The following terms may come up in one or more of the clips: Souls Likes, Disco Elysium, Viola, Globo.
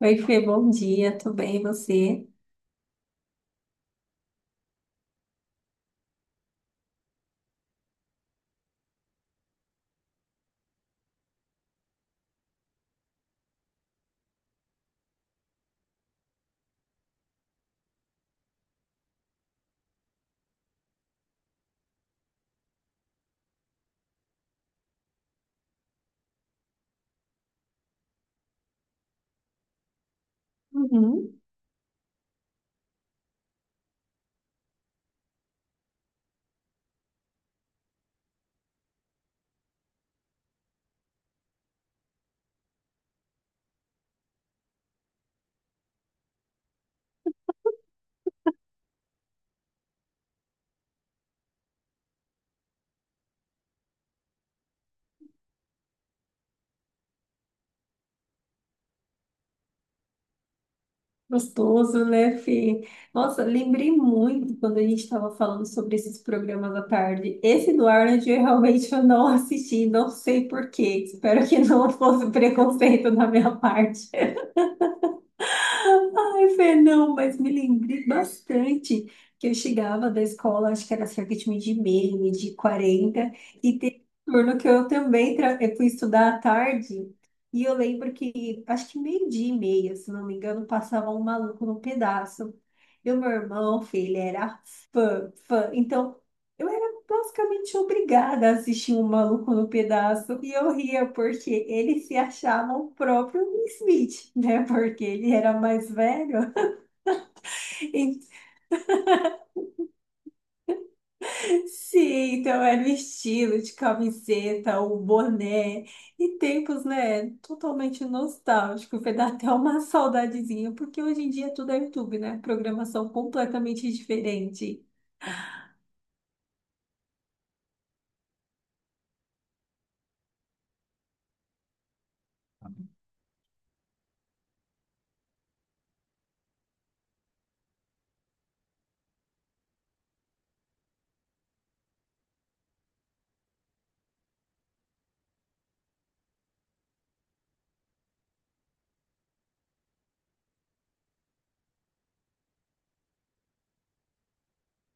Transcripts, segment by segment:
Oi, Fê, bom dia, tudo bem, e você? Uhum. Gostoso, né, Fê? Nossa, lembrei muito quando a gente estava falando sobre esses programas à tarde. Esse do Arnold, eu realmente eu não assisti, não sei por quê. Espero que não fosse preconceito da minha parte. Ai, Fê, não, mas me lembrei bastante que eu chegava da escola, acho que era cerca de meio de meia, meio de quarenta, e teve um turno que eu também eu fui estudar à tarde, e eu lembro que, acho que meio dia e meia, se não me engano, passava um maluco no pedaço. E o meu irmão, filho, era fã, fã. Então, basicamente obrigada a assistir um maluco no pedaço. E eu ria porque ele se achava o próprio Will Smith, né? Porque ele era mais velho. E- Sim, então era o estilo de camiseta, o boné. E tempos, né? Totalmente nostálgico. Vai dar até uma saudadezinha, porque hoje em dia tudo é YouTube, né? Programação completamente diferente.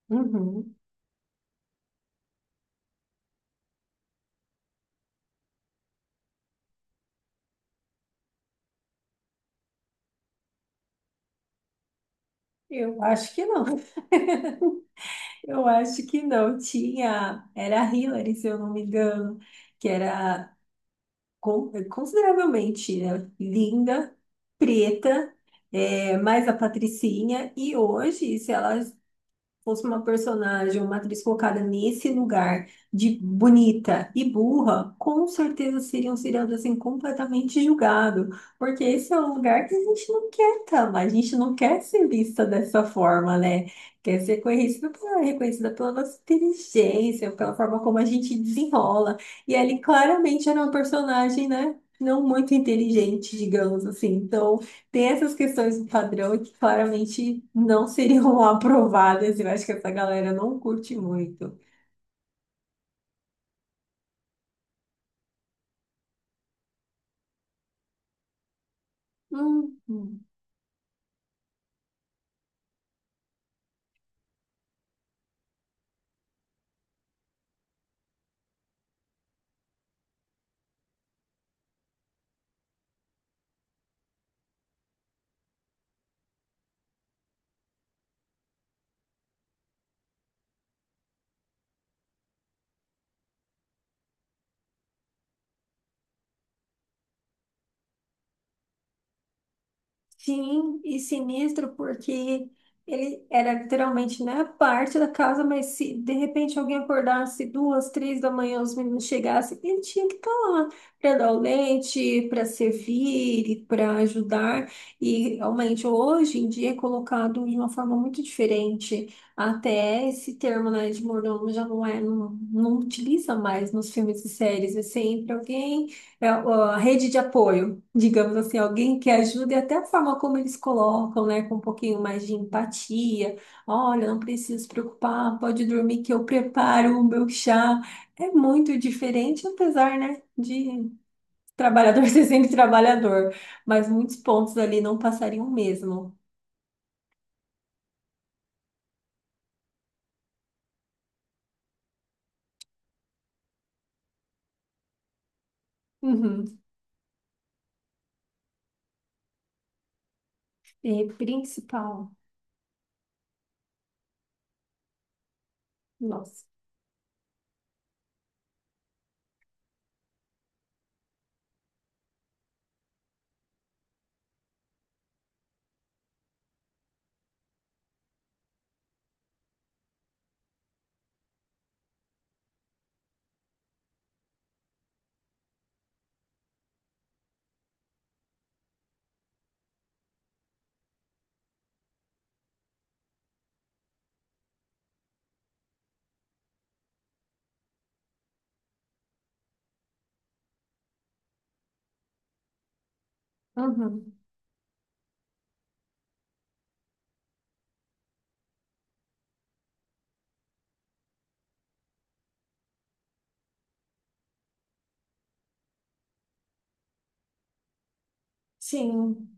Uhum. Eu acho que não. Eu acho que não tinha. Era a Hillary, se eu não me engano, que era consideravelmente, né, linda, preta, é, mais a Patricinha. E hoje, se ela fosse uma personagem, uma atriz colocada nesse lugar de bonita e burra, com certeza seriam seriados assim completamente julgado, porque esse é um lugar que a gente não quer estar, mas a gente não quer ser vista dessa forma, né? Quer ser reconhecida pela nossa inteligência, pela forma como a gente desenrola. E ele claramente era uma personagem, né? Não muito inteligente, digamos assim. Então, tem essas questões do padrão que claramente não seriam aprovadas. Eu acho que essa galera não curte muito. Hum. Sim, e sinistro porque ele era literalmente na parte da casa, mas se de repente alguém acordasse duas, três da manhã, os meninos chegassem, ele tinha que estar lá para dar o leite, para servir, para ajudar. E realmente hoje em dia é colocado de uma forma muito diferente. Até esse termo, né, de mordomo já não é, não utiliza mais nos filmes e séries. É sempre alguém, é a rede de apoio, digamos assim, alguém que ajude, até a forma como eles colocam, né, com um pouquinho mais de empatia. Olha, não precisa se preocupar, pode dormir que eu preparo o meu chá. É muito diferente, apesar, né, de trabalhador ser sempre trabalhador, mas muitos pontos ali não passariam mesmo. Uhum. E principal, nossa. Uhum. Sim,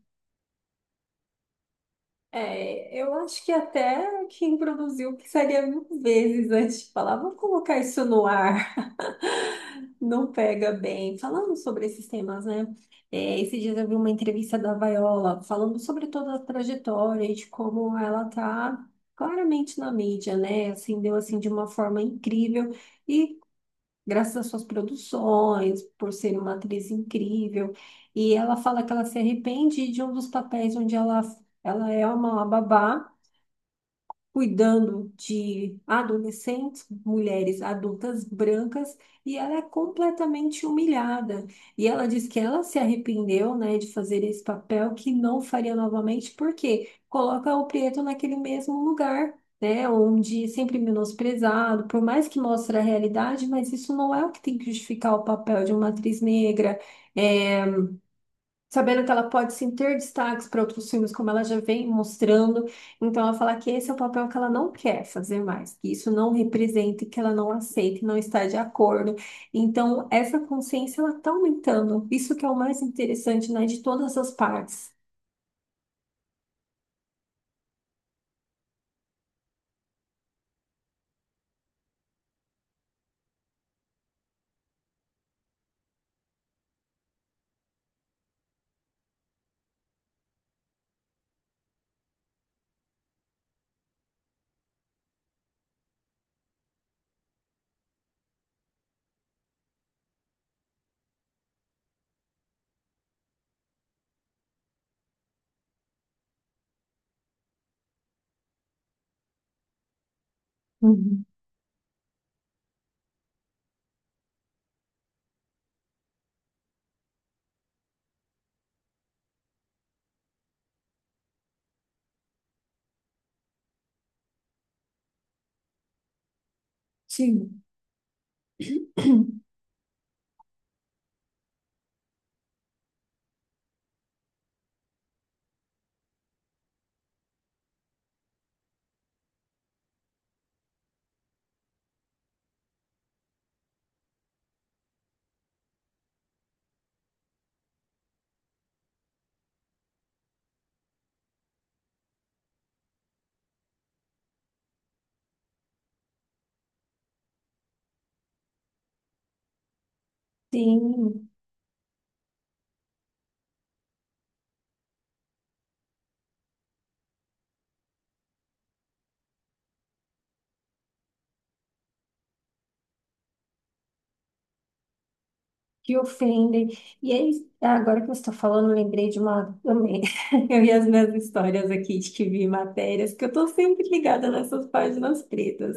é, eu acho que até quem produziu pensaria 1.000 vezes antes de falar, vamos colocar isso no ar. Não pega bem. Falando sobre esses temas, né? É, esses dias eu vi uma entrevista da Viola falando sobre toda a trajetória e de como ela tá claramente na mídia, né? Assim, deu assim de uma forma incrível e graças às suas produções, por ser uma atriz incrível. E ela fala que ela se arrepende de um dos papéis onde ela é uma babá cuidando de adolescentes, mulheres adultas brancas, e ela é completamente humilhada. E ela diz que ela se arrependeu, né, de fazer esse papel, que não faria novamente, porque coloca o preto naquele mesmo lugar. Né, onde é sempre menosprezado, por mais que mostre a realidade, mas isso não é o que tem que justificar o papel de uma atriz negra, é, sabendo que ela pode sim ter destaques para outros filmes, como ela já vem mostrando. Então, ela fala que esse é o papel que ela não quer fazer mais, que isso não representa, e que ela não aceita, e não está de acordo. Então, essa consciência ela está aumentando. Isso que é o mais interessante, né, de todas as partes. Uhum. Sim. Sim, que ofendem. E aí, agora que você está falando, eu lembrei de uma, também. Eu vi as minhas histórias aqui de que vi matérias, que eu estou sempre ligada nessas páginas pretas.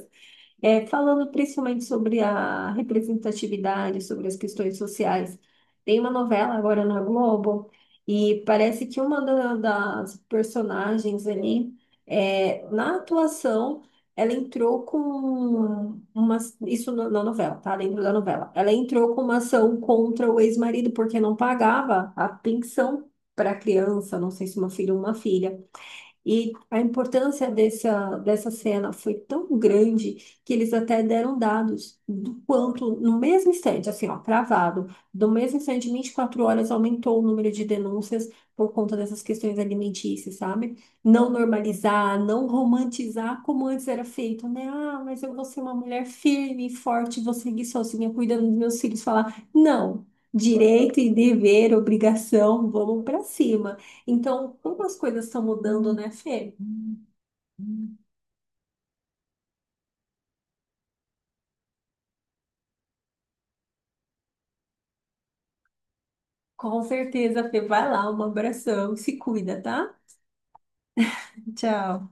É, falando principalmente sobre a representatividade, sobre as questões sociais, tem uma novela agora na Globo e parece que uma das personagens ali, é, na atuação, ela entrou com uma, isso na novela, tá? Dentro da novela. Ela entrou com uma ação contra o ex-marido porque não pagava a pensão para a criança, não sei se uma filha ou uma filha. E a importância dessa cena foi tão grande que eles até deram dados do quanto, no mesmo instante, assim, ó, cravado, do mesmo instante, em 24 horas, aumentou o número de denúncias por conta dessas questões alimentícias, sabe? Não normalizar, não romantizar como antes era feito, né? Ah, mas eu vou ser uma mulher firme, forte, vou seguir sozinha, cuidando dos meus filhos, falar, não. Direito e dever, obrigação, vamos para cima. Então, como as coisas estão mudando, né, Fê? Com certeza, Fê, vai lá, um abração, se cuida, tá? Tchau.